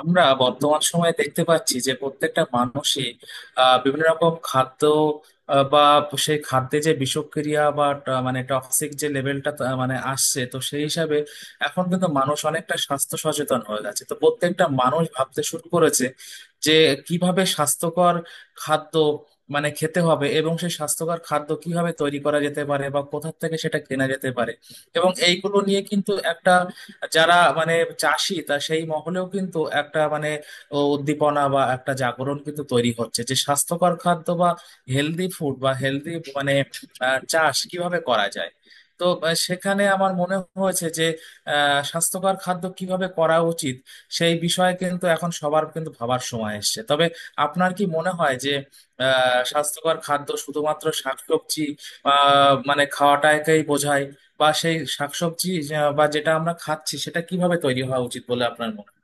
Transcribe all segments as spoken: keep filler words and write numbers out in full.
আমরা বর্তমান সময়ে দেখতে পাচ্ছি যে প্রত্যেকটা মানুষই আহ, বিভিন্ন রকম খাদ্য আহ, বা সেই খাদ্যে যে বিষক্রিয়া বা ট- মানে টক্সিক যে লেভেলটা মানে আসছে, তো সেই হিসাবে এখন কিন্তু মানুষ অনেকটা স্বাস্থ্য সচেতন হয়ে গেছে, তো প্রত্যেকটা মানুষ ভাবতে শুরু করেছে যে কিভাবে স্বাস্থ্যকর খাদ্য মানে খেতে হবে এবং সেই স্বাস্থ্যকর খাদ্য কিভাবে তৈরি করা যেতে পারে বা কোথা থেকে সেটা কেনা যেতে পারে। এবং এইগুলো নিয়ে কিন্তু একটা যারা মানে চাষি, তা সেই মহলেও কিন্তু একটা মানে উদ্দীপনা বা একটা জাগরণ কিন্তু তৈরি হচ্ছে যে স্বাস্থ্যকর খাদ্য বা হেলদি ফুড বা হেলদি মানে আহ, চাষ কিভাবে করা যায়। তো আহ, সেখানে আমার মনে হয়েছে যে আহ, স্বাস্থ্যকর খাদ্য কিভাবে করা উচিত, সেই বিষয়ে কিন্তু এখন সবার কিন্তু ভাবার সময় এসেছে। তবে আপনার কি মনে হয় যে আহ স্বাস্থ্যকর খাদ্য শুধুমাত্র শাকসবজি আহ মানে খাওয়াটাকেই বোঝায়, বা সেই শাকসবজি যা- বা যেটা আমরা খাচ্ছি সেটা কিভাবে তৈরি হওয়া উচিত বলে আপনার মনে হয়?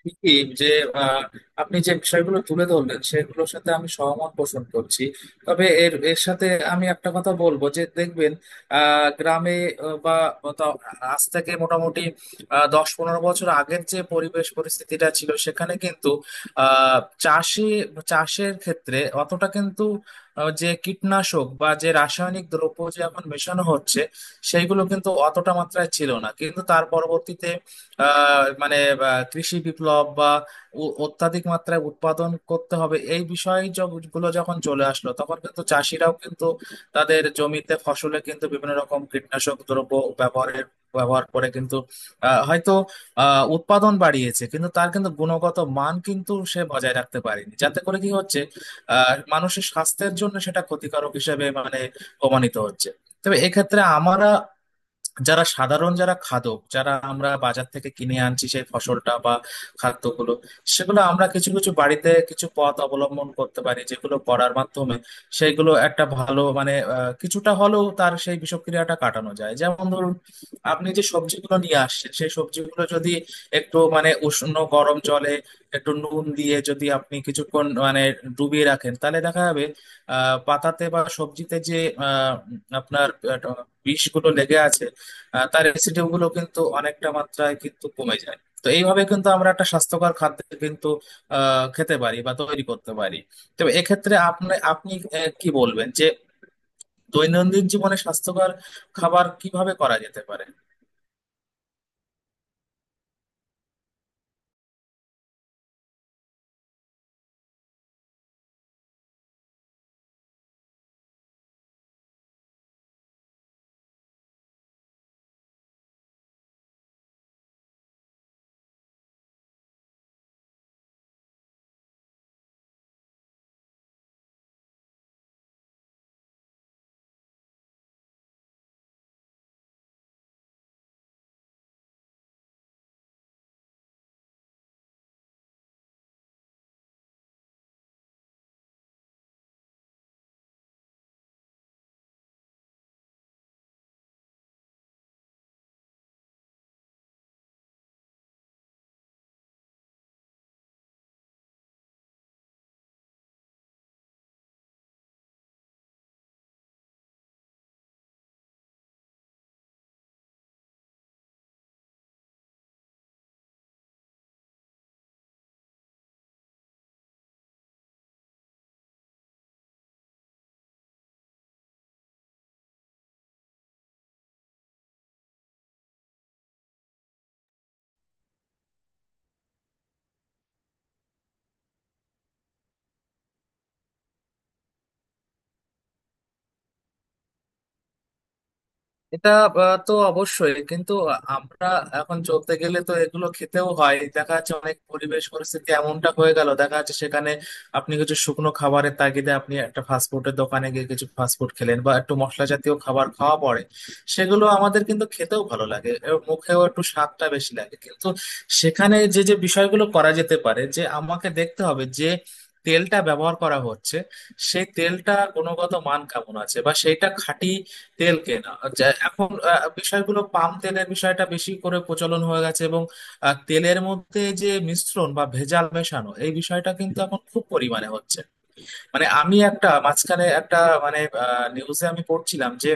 ঠিকই যে আহ, আপনি যে বিষয়গুলো তুলে ধরলেন সেগুলোর সাথে আমি সহমত পোষণ করছি। তবে এর এর সাথে আমি একটা কথা বলবো যে দেখবেন আহ, গ্রামে আহ, বা তা- আজ থেকে মোটামুটি আহ, দশ পনেরো বছর আগের যে পরিবেশ পরিস্থিতিটা ছিল সেখানে কিন্তু আহ চাষি চাষের ক্ষেত্রে অতটা কিন্তু আহ, যে কীটনাশক বা যে রাসায়নিক দ্রব্য যে এখন মেশানো হচ্ছে সেইগুলো কিন্তু অতটা মাত্রায় ছিল না, কিন্তু তার পরবর্তীতে আহ, মানে আহ, কৃষি বিপ্লব বা উ- অত্যাধিক মাত্রায় উৎপাদন করতে হবে এই বিষয় যগ- গুলো যখন চলে আসলো তখন কিন্তু চাষিরাও কিন্তু তাদের জমিতে ফসলে কিন্তু বিভিন্ন রকম কীটনাশক দ্রব্য ব্যবহারের ব্যবহার করে কিন্তু আহ, হয়তো আহ উৎপাদন বাড়িয়েছে কিন্তু তার কিন্তু গুণগত মান কিন্তু সে বজায় রাখতে পারেনি, যাতে করে কি হচ্ছে আহ মানুষের স্বাস্থ্যের জন্য সেটা ক্ষতিকারক হিসেবে মানে প্রমাণিত হচ্ছে। তবে এক্ষেত্রে আমরা যারা সাধারণ যারা খাদক যারা আমরা বাজার থেকে কিনে আনছি সেই ফসলটা বা খাদ্যগুলো, সেগুলো আমরা কিছু কিছু বাড়িতে কিছু পথ অবলম্বন করতে পারি যেগুলো করার মাধ্যমে সেগুলো একটা ভালো মানে আহ, কিছুটা হলেও তার সেই বিষক্রিয়াটা কাটানো যায়। যেমন ধরুন আপনি যে সবজিগুলো নিয়ে আসছেন সেই সবজিগুলো যদি একটু মানে উষ্ণ গরম জলে একটু নুন দিয়ে যদি আপনি কিছুক্ষণ মানে ডুবিয়ে রাখেন তাহলে দেখা যাবে আহ পাতাতে বা সবজিতে যে আহ আপনার বিষগুলো লেগে আছে, আহ, তার অ্যাসিডিটি গুলো কিন্তু অনেকটা মাত্রায় কিন্তু কমে যায়। তো এইভাবে কিন্তু আমরা একটা স্বাস্থ্যকর খাদ্য কিন্তু আহ, খেতে পারি বা তৈরি করতে পারি। তবে এক্ষেত্রে আপনি আপনি আহ, কি বলবেন যে দৈনন্দিন জীবনে স্বাস্থ্যকর খাবার কিভাবে করা যেতে পারে? এটা আহ, তো অবশ্যই কিন্তু আমরা এখন চলতে গেলে তো এগুলো খেতেও হয়, দেখা যাচ্ছে অনেক পরিবেশ পরিস্থিতি এমনটা হয়ে গেল, দেখা যাচ্ছে সেখানে আপনি কিছু শুকনো খাবারের তাগিদে আপনি একটা ফাস্টফুডের দোকানে গিয়ে কিছু ফাস্টফুড খেলেন বা একটু মশলা জাতীয় খাবার খাওয়া পড়ে। সেগুলো আমাদের কিন্তু খেতেও ভালো লাগে এবং মুখেও একটু স্বাদটা বেশি লাগে, কিন্তু সেখানে যে যে বিষয়গুলো করা যেতে পারে যে আমাকে দেখতে হবে যে তেলটা ব্যবহার করা হচ্ছে সেই তেলটা গুণগত মান কেমন আছে বা সেইটা খাঁটি তেল কেনা যা- এখন আহ, বিষয়গুলো পাম তেলের বিষয়টা বেশি করে প্রচলন হয়ে গেছে এবং আহ, তেলের মধ্যে যে মিশ্রণ বা ভেজাল মেশানো এই বিষয়টা কিন্তু এখন খুব পরিমাণে হচ্ছে। মানে আমি একটা মাঝখানে একটা মানে নিউজে আমি পড়ছিলাম যে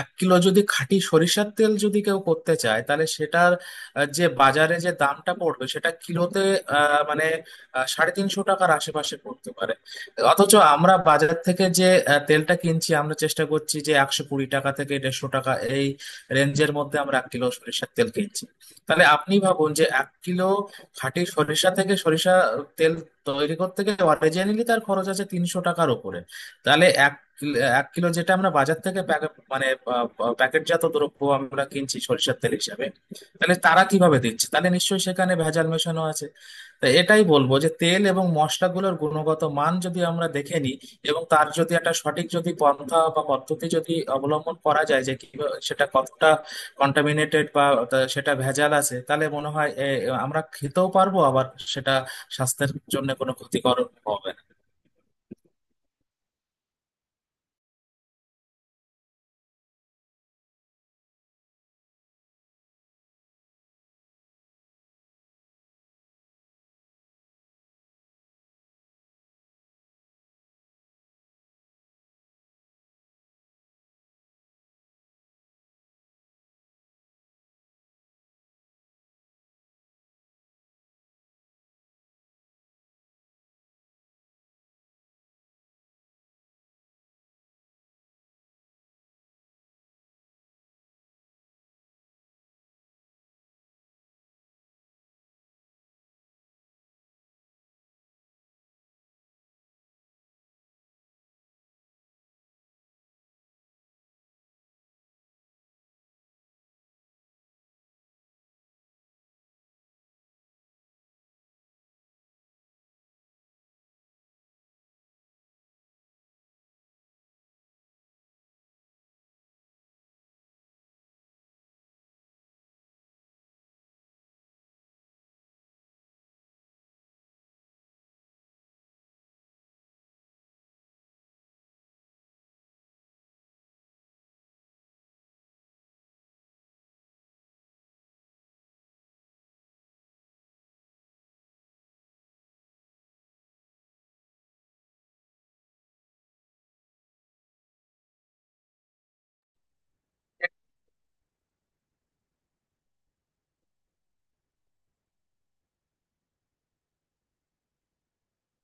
এক কিলো যদি খাঁটি সরিষার তেল যদি কেউ করতে চায় তাহলে সেটার আহ, যে বাজারে যে দামটা পড়বে সেটা কিলোতে আহ, মানে আহ, সাড়ে তিনশো টাকার আশেপাশে পড়তে পারে। অথচ আমরা বাজার থেকে যে আহ, তেলটা কিনছি, আমরা চেষ্টা করছি যে একশো কুড়ি টাকা থেকে দেড়শো টাকা এই রেঞ্জের মধ্যে আমরা এক কিলো সরিষার তেল কিনছি। তাহলে আপনি ভাবুন যে এক কিলো খাঁটি সরিষা থেকে সরিষা তেল তৈরি করতে গেলে অরিজিনালি তার খরচ আছে তিনশো টাকার উপরে। তাহলে এক কিল- এক কিলো যেটা আমরা বাজার থেকে প্যাকে- মানে আহ, আহ, প্যাকেটজাত দ্রব্য আমরা কিনছি সরিষার তেল হিসাবে, তাহলে তারা কিভাবে দিচ্ছে? তাহলে নিশ্চয়ই সেখানে ভেজাল মেশানো আছে। তো এটাই বলবো যে তেল এবং মশলাগুলোর গুণগত মান যদি আমরা দেখে নিই এবং তার যদি একটা সঠিক যদি পন্থা বা পদ্ধতি যদি অবলম্বন করা যায় যে কিভাবে সেটা কতটা কন্টামিনেটেড বা তা- সেটা ভেজাল আছে, তাহলে মনে হয় এ, আমরা খেতেও পারবো আবার সেটা স্বাস্থ্যের জন্য কোনো ক্ষতিকর হবে না।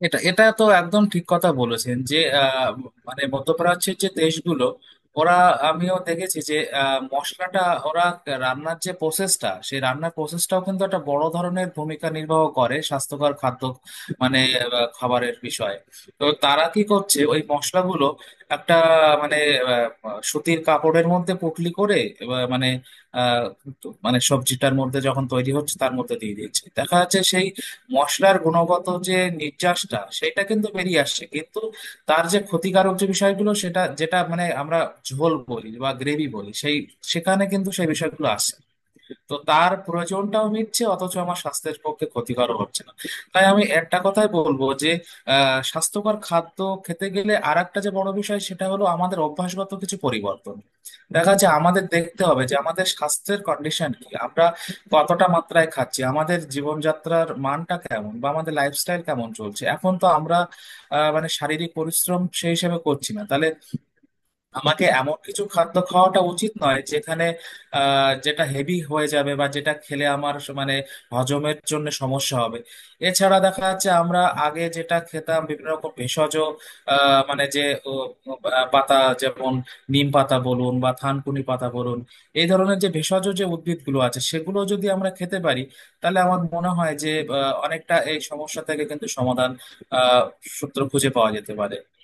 এটা এটা তো একদম ঠিক কথা বলেছেন যে আহ, মানে মধ্যপ্রাচ্যের যে দেশগুলো, ওরা, আমিও দেখেছি যে আহ, মশলাটা ওরা রান্নার যে প্রসেসটা সেই রান্নার প্রসেসটাও কিন্তু একটা বড় ধরনের ভূমিকা নির্বাহ করে স্বাস্থ্যকর খাদ্য মানে আহ, খাবারের বিষয়ে। তো তারা কি করছে ওই মশলাগুলো একটা মানে আহ, সুতির কাপড়ের মধ্যে পুটলি করে আহ, মানে আহ, মানে সবজিটার মধ্যে যখন তৈরি হচ্ছে তার মধ্যে দিয়ে দিচ্ছে, দেখা যাচ্ছে সেই মশলার গুণগত যে নির্যাসটা সেটা কিন্তু বেরিয়ে আসছে, কিন্তু তার যে ক্ষতিকারক যে বিষয়গুলো সেটা যেটা মানে আমরা ঝোল বলি বা গ্রেভি বলি সেই সেখানে কিন্তু সেই বিষয়গুলো আসছে না। তো তার প্রয়োজনটাও মিটছে অথচ আমার স্বাস্থ্যের পক্ষে ক্ষতিকর হচ্ছে না। তাই আমি একটা কথাই বলবো যে আহ, স্বাস্থ্যকর খাদ্য খেতে গেলে আর একটা যে বড় বিষয় সেটা হলো আমাদের অভ্যাসগত কিছু পরিবর্তন। দেখা যাচ্ছে আমাদের দেখতে হবে যে আমাদের স্বাস্থ্যের কন্ডিশন কি, আমরা কতটা মাত্রায় খাচ্ছি, আমাদের জীবনযাত্রার মানটা কেমন বা আমাদের লাইফস্টাইল কেমন চলছে। এখন তো আমরা আহ, মানে শারীরিক পরিশ্রম সেই হিসেবে করছি না, তাহলে আমাকে এমন কিছু খাদ্য খাওয়াটা উচিত নয় যেখানে আহ, যেটা হেভি হয়ে যাবে বা যেটা খেলে আমার স- মানে হজমের জন্য সমস্যা হবে। এছাড়া দেখা যাচ্ছে আমরা আগে যেটা খেতাম বিভিন্ন রকম ভেষজ আহ, মানে যে ও, আহ, পাতা, যেমন নিম পাতা বলুন বা থানকুনি পাতা বলুন, এই ধরনের যে ভেষজ যে উদ্ভিদগুলো আছে সেগুলো যদি আমরা খেতে পারি তাহলে আমার মনে হয় যে আহ, অনেকটা এই সমস্যা থেকে কিন্তু সমাধান আহ সূত্র খুঁজে পাওয়া যেতে পারে।